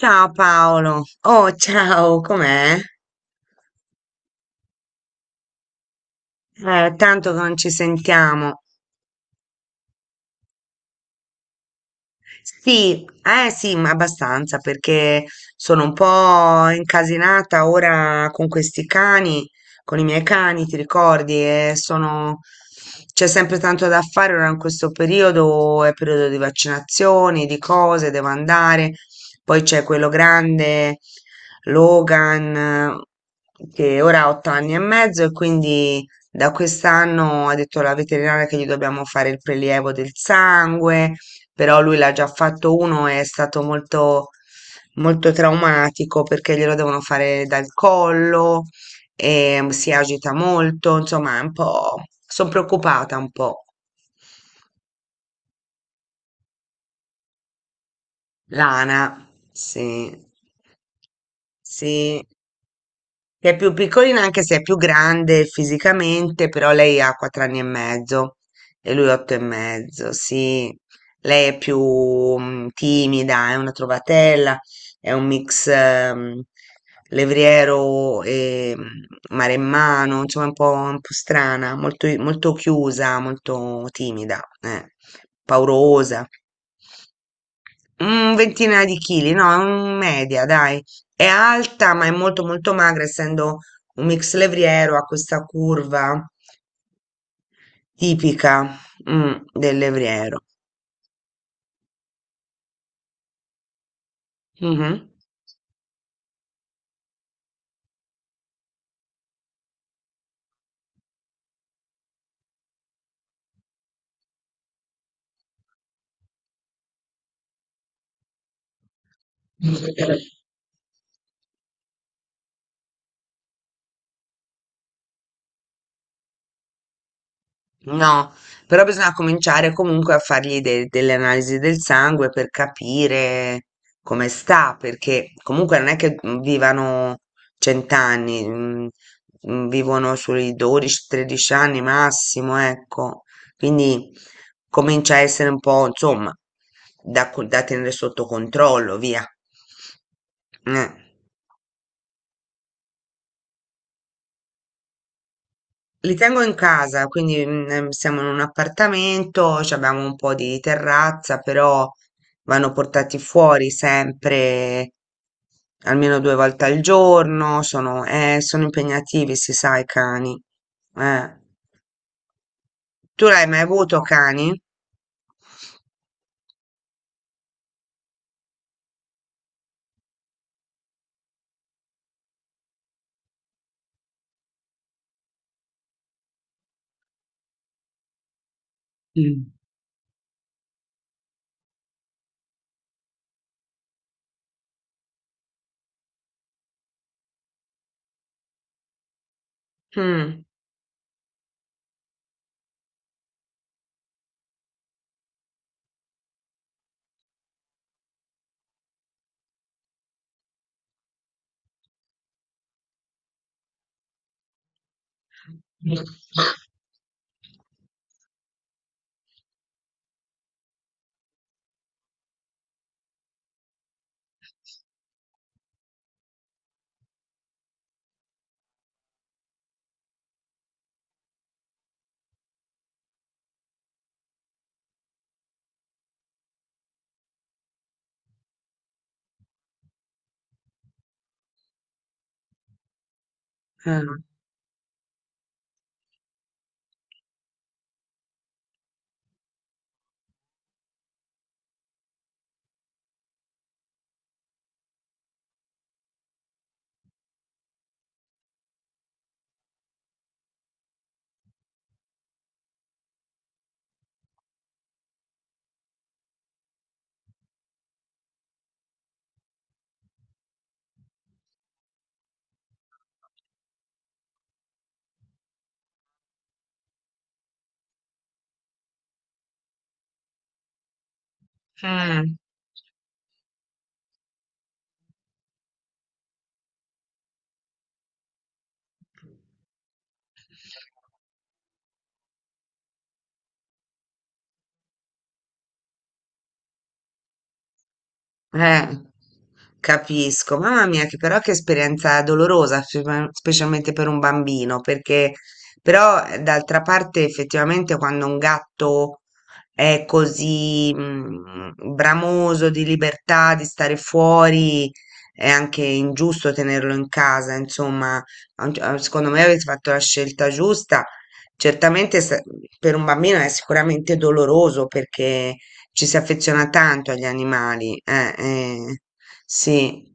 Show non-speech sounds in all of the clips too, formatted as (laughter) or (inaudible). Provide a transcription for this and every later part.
Ciao Paolo, oh ciao, com'è? Tanto che non ci sentiamo. Sì, eh sì, ma abbastanza perché sono un po' incasinata ora con questi cani, con i miei cani, ti ricordi? E sono... C'è sempre tanto da fare ora in questo periodo, è periodo di vaccinazioni, di cose, devo andare. Poi c'è quello grande, Logan, che ora ha 8 anni e mezzo e quindi da quest'anno ha detto la veterinaria che gli dobbiamo fare il prelievo del sangue, però lui l'ha già fatto uno, è stato molto, molto traumatico perché glielo devono fare dal collo, e si agita molto, insomma, è un po', sono preoccupata un po'. Lana, sì, sì. Che è più piccolina anche se è più grande fisicamente, però lei ha 4 anni e mezzo e lui 8 e mezzo, sì. Lei è più timida, è una trovatella, è un mix levriero e maremmano, insomma un po' strana, molto, molto chiusa, molto timida, paurosa. Una ventina di chili, no, è un media, dai. È alta, ma è molto molto magra, essendo un mix levriero, ha questa curva tipica, del levriero. Mhm. No, però bisogna cominciare comunque a fargli delle analisi del sangue per capire come sta, perché comunque non è che vivano 100 anni, vivono sui 12-13 anni massimo, ecco. Quindi comincia a essere un po', insomma, da tenere sotto controllo, via. Eh. Li tengo in casa, quindi siamo in un appartamento, ci abbiamo un po' di terrazza, però vanno portati fuori sempre almeno 2 volte al giorno, sono, sono impegnativi, si sa, i cani. Eh. Tu l'hai mai avuto cani? Mm. Mm. Mm. Eh. Mm. Eh, capisco. Mamma mia, che però che esperienza dolorosa, specialmente per un bambino, perché però d'altra parte effettivamente quando un gatto è così bramoso di libertà, di stare fuori, è anche ingiusto tenerlo in casa, insomma, a un gi- a- secondo me avete fatto la scelta giusta. Certamente per un bambino è sicuramente doloroso perché ci si affeziona tanto agli animali, sì,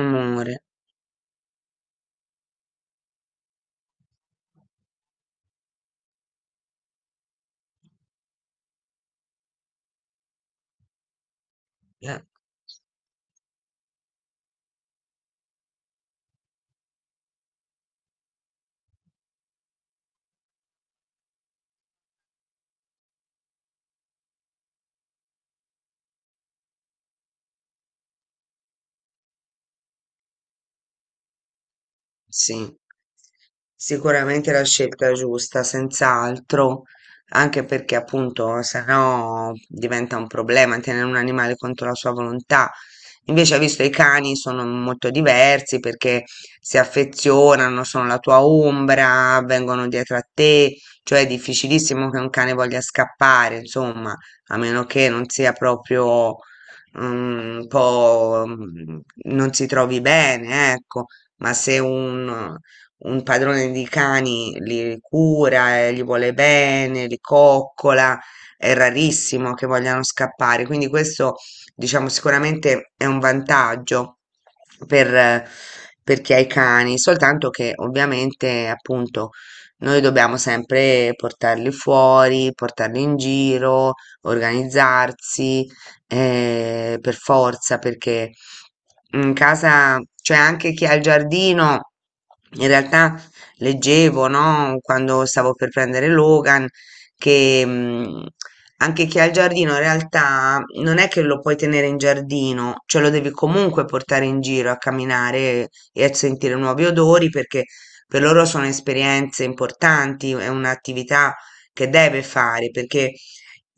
amore. Eh. Sì, sicuramente la scelta giusta, senz'altro, anche perché appunto sennò diventa un problema tenere un animale contro la sua volontà. Invece, visto i cani sono molto diversi perché si affezionano, sono la tua ombra, vengono dietro a te, cioè è difficilissimo che un cane voglia scappare, insomma, a meno che non sia proprio un po' non si trovi bene, ecco. Ma se un, un padrone di cani li cura, e gli vuole bene, li coccola, è rarissimo che vogliano scappare. Quindi questo, diciamo, sicuramente è un vantaggio per, eh, per chi ha i cani, soltanto che ovviamente, appunto, noi dobbiamo sempre portarli fuori, portarli in giro, organizzarsi, per forza, perché in casa, c'è anche chi ha il giardino. In realtà leggevo, no, quando stavo per prendere Logan, che anche chi ha il giardino in realtà non è che lo puoi tenere in giardino, cioè lo devi comunque portare in giro a camminare e a sentire nuovi odori perché per loro sono esperienze importanti, è un'attività che deve fare perché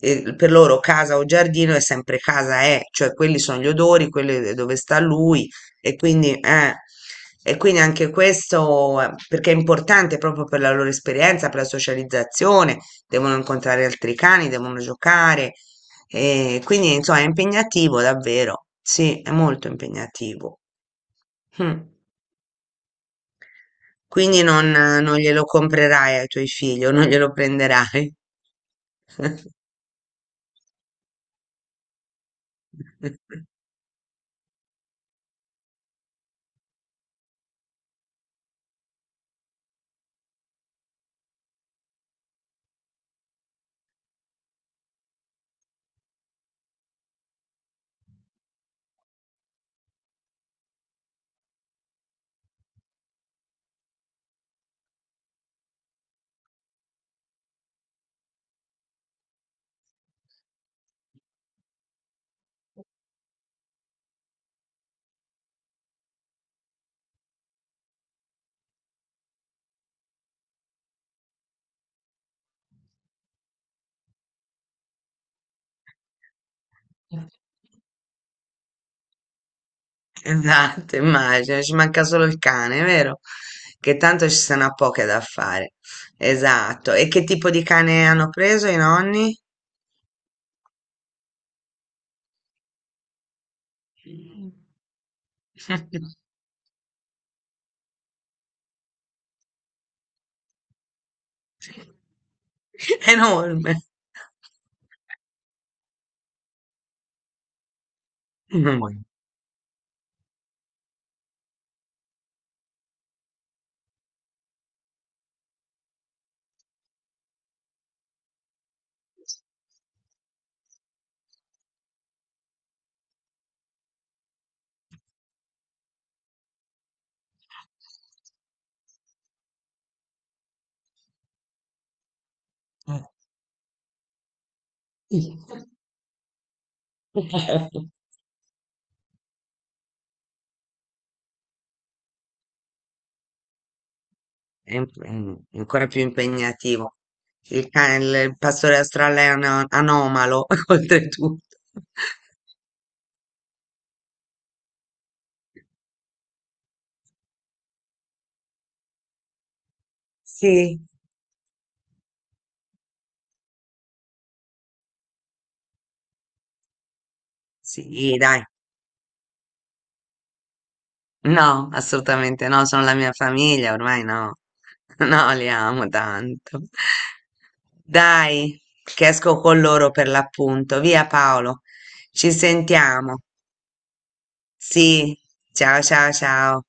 per loro casa o giardino è sempre casa, cioè quelli sono gli odori, quelli dove sta lui e quindi, eh, e quindi anche questo, perché è importante proprio per la loro esperienza, per la socializzazione, devono incontrare altri cani, devono giocare, e quindi insomma è impegnativo davvero, sì, è molto impegnativo. Mm. Quindi non glielo comprerai ai tuoi figli o non glielo prenderai. (laughs) Esatto, immagino, ci manca solo il cane, vero? Che tanto ci sono a poche da fare. Esatto. E che tipo di cane hanno preso i nonni? (laughs) Enorme. Mm. È è ancora più impegnativo. Il cane, il pastore australiano è anomalo, (laughs) oltretutto. Sì, sì, dai. No, assolutamente no, sono la mia famiglia, ormai no. (laughs) No, li amo tanto. Dai, che esco con loro per l'appunto. Via Paolo, ci sentiamo. Sì, ciao ciao ciao.